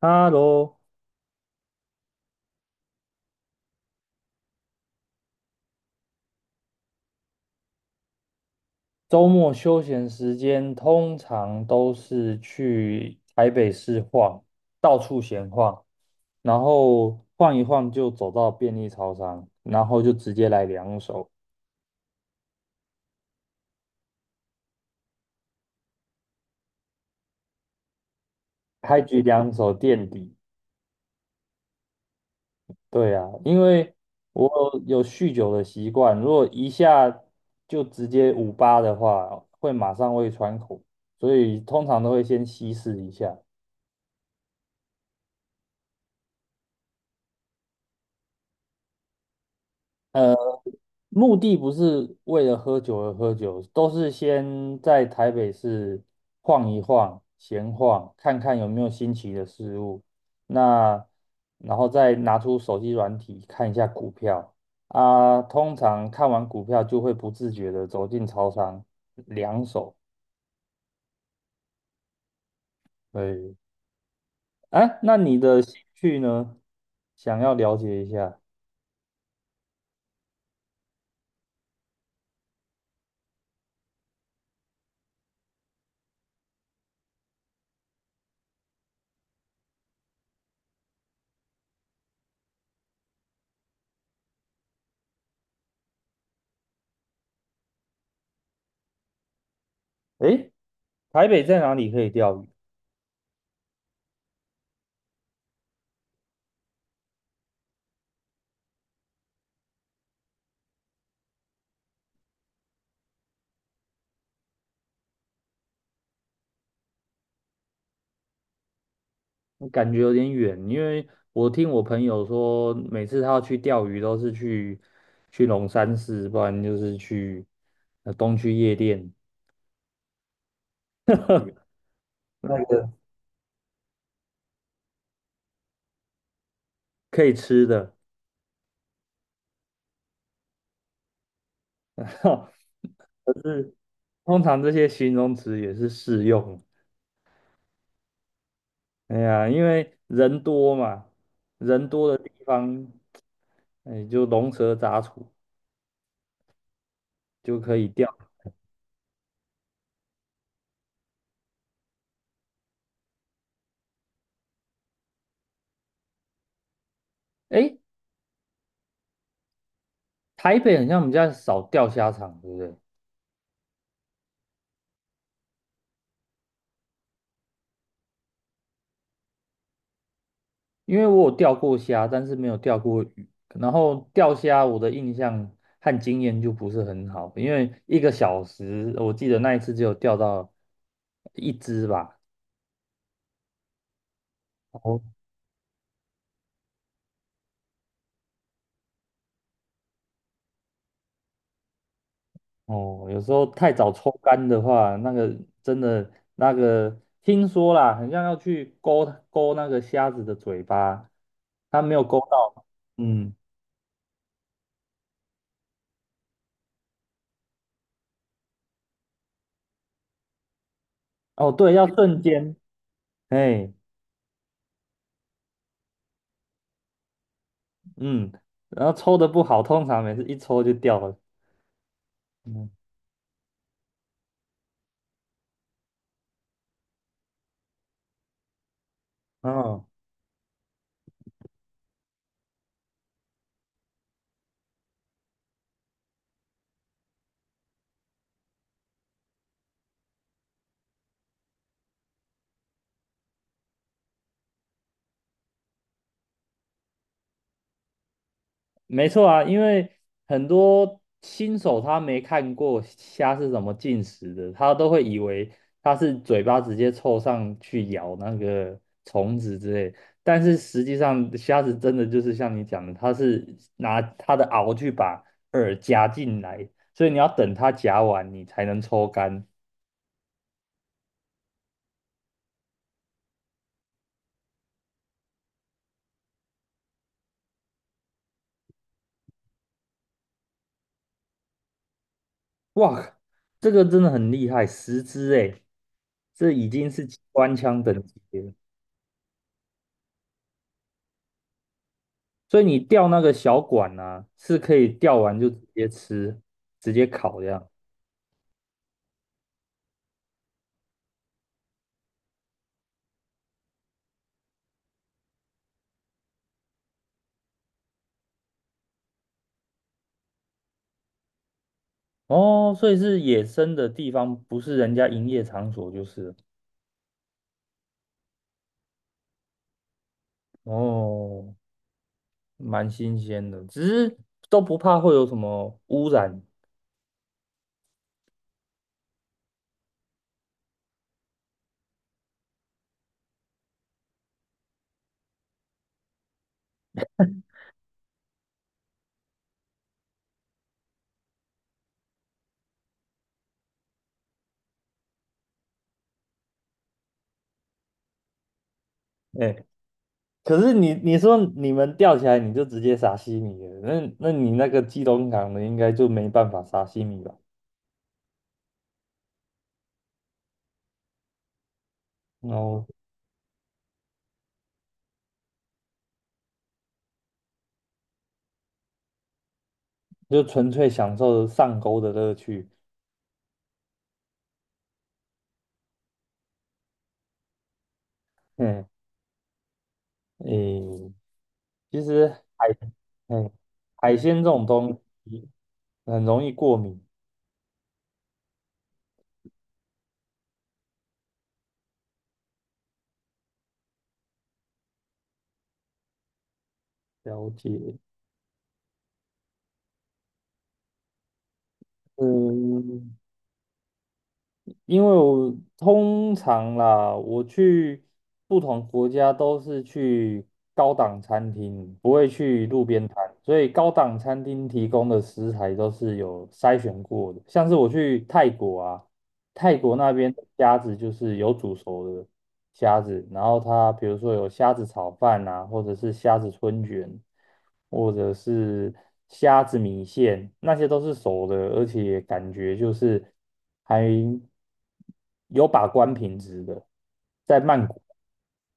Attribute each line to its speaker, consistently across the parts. Speaker 1: 哈喽。周末休闲时间通常都是去台北市晃，到处闲晃，然后晃一晃就走到便利超商，然后就直接来两手，开局两手垫底。对啊，因为我有酗酒的习惯，如果一下就直接五八的话，会马上胃穿孔，所以通常都会先稀释一下。呃。目的不是为了喝酒而喝酒，都是先在台北市晃一晃、闲晃，看看有没有新奇的事物。那然后再拿出手机软体看一下股票啊，通常看完股票就会不自觉的走进超商两手。对。哎，那你的兴趣呢？想要了解一下。哎，台北在哪里可以钓鱼？感觉有点远，因为我听我朋友说，每次他要去钓鱼都是去龙山寺，不然就是去东区夜店。那个可以吃的。就是通常这些形容词也是适用。哎呀，因为人多嘛，人多的地方，哎，就龙蛇杂处就可以钓。哎，台北很像我们家少钓虾场，对不对？因为我有钓过虾，但是没有钓过鱼。然后钓虾，我的印象和经验就不是很好，因为一个小时，我记得那一次只有钓到一只吧。哦哦，有时候太早抽干的话，那个真的那个，听说啦，很像要去勾那个虾子的嘴巴，它没有勾到。嗯，哦对，要瞬间。哎，嗯，然后抽的不好，通常每次一抽就掉了。嗯。嗯，没错啊，因为很多新手他没看过虾是怎么进食的，他都会以为它是嘴巴直接凑上去咬那个虫子之类，但是实际上虾子真的就是像你讲的，它是拿它的螯去把饵夹进来，所以你要等它夹完你才能抽干。哇，这个真的很厉害，10只诶，这已经是机关枪等级了。所以你钓那个小管呢、啊，是可以钓完就直接吃，直接烤这样。哦，所以是野生的地方，不是人家营业场所就是了。哦，蛮新鲜的，只是都不怕会有什么污染。哎，可是你你说你们钓起来你就直接撒西米了，那你那个基隆港的应该就没办法撒西米吧？然后就纯粹享受上钩的乐趣。嗯，诶，其实海，哎，海鲜这种东西很容易过敏。了解。嗯，因为我通常啦，我去不同国家都是去高档餐厅，不会去路边摊，所以高档餐厅提供的食材都是有筛选过的。像是我去泰国啊。泰国那边的虾子就是有煮熟的虾子，然后它比如说有虾子炒饭啊，或者是虾子春卷，或者是虾子米线，那些都是熟的，而且感觉就是还有把关品质的，在曼谷。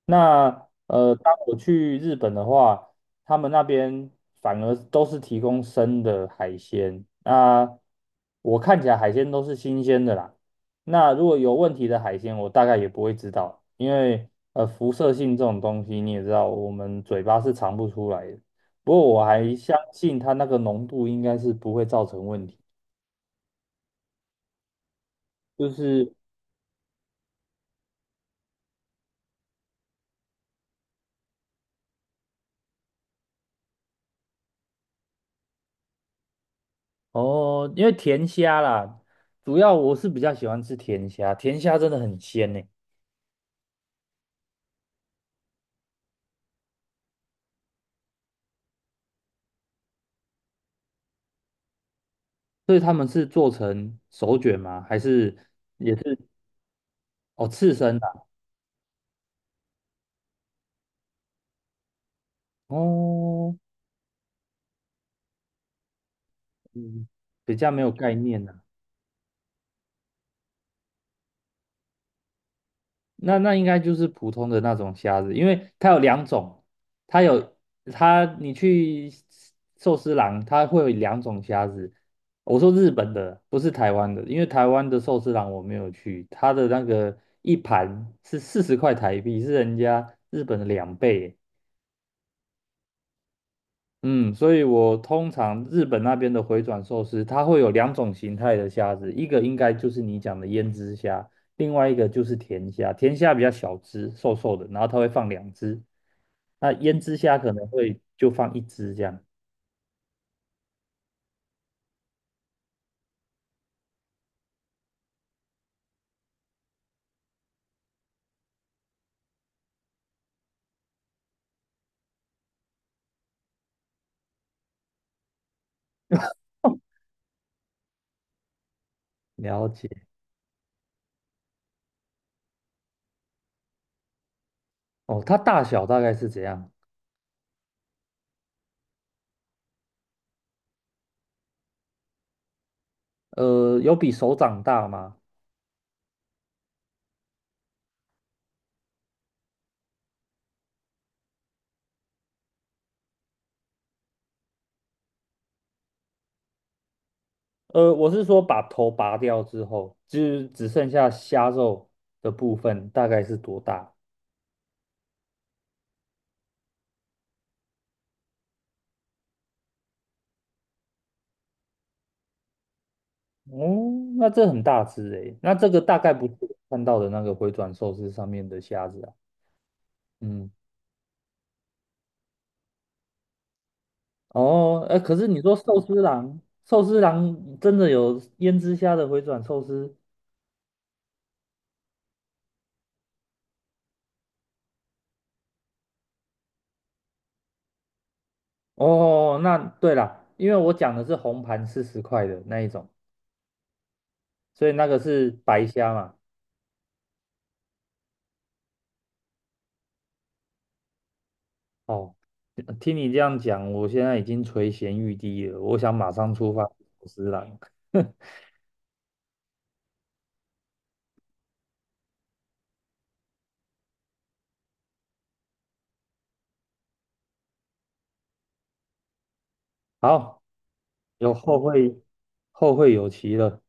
Speaker 1: 那当我去日本的话，他们那边反而都是提供生的海鲜。那我看起来海鲜都是新鲜的啦。那如果有问题的海鲜，我大概也不会知道，因为辐射性这种东西你也知道，我们嘴巴是尝不出来的。不过我还相信它那个浓度应该是不会造成问题。就是哦，因为甜虾啦，主要我是比较喜欢吃甜虾，甜虾真的很鲜呢。所以他们是做成手卷吗？还是也是哦刺身的啊。哦，嗯，比较没有概念。那应该就是普通的那种虾子，因为它有两种，它有你去寿司郎，它会有两种虾子。我说日本的，不是台湾的，因为台湾的寿司郎我没有去，它的那个一盘是40块台币，是人家日本的两倍耶。嗯，所以我通常日本那边的回转寿司，它会有两种形态的虾子，一个应该就是你讲的胭脂虾，另外一个就是甜虾。甜虾比较小只，瘦瘦的，然后它会放两只。那胭脂虾可能会就放一只这样。哦，了解。哦，它大小大概是怎样？呃，有比手掌大吗？呃，我是说把头拔掉之后，就是只剩下虾肉的部分，大概是多大？哦，那这很大只诶，那这个大概不是我看到的那个回转寿司上面的虾子啊。嗯，哦，哎，可是你说寿司郎，寿司郎真的有胭脂虾的回转寿司？哦，那对啦，因为我讲的是红盘40块的那一种，所以那个是白虾嘛。哦，听你这样讲，我现在已经垂涎欲滴了，我想马上出发去寿司郎。好，有后会有期了。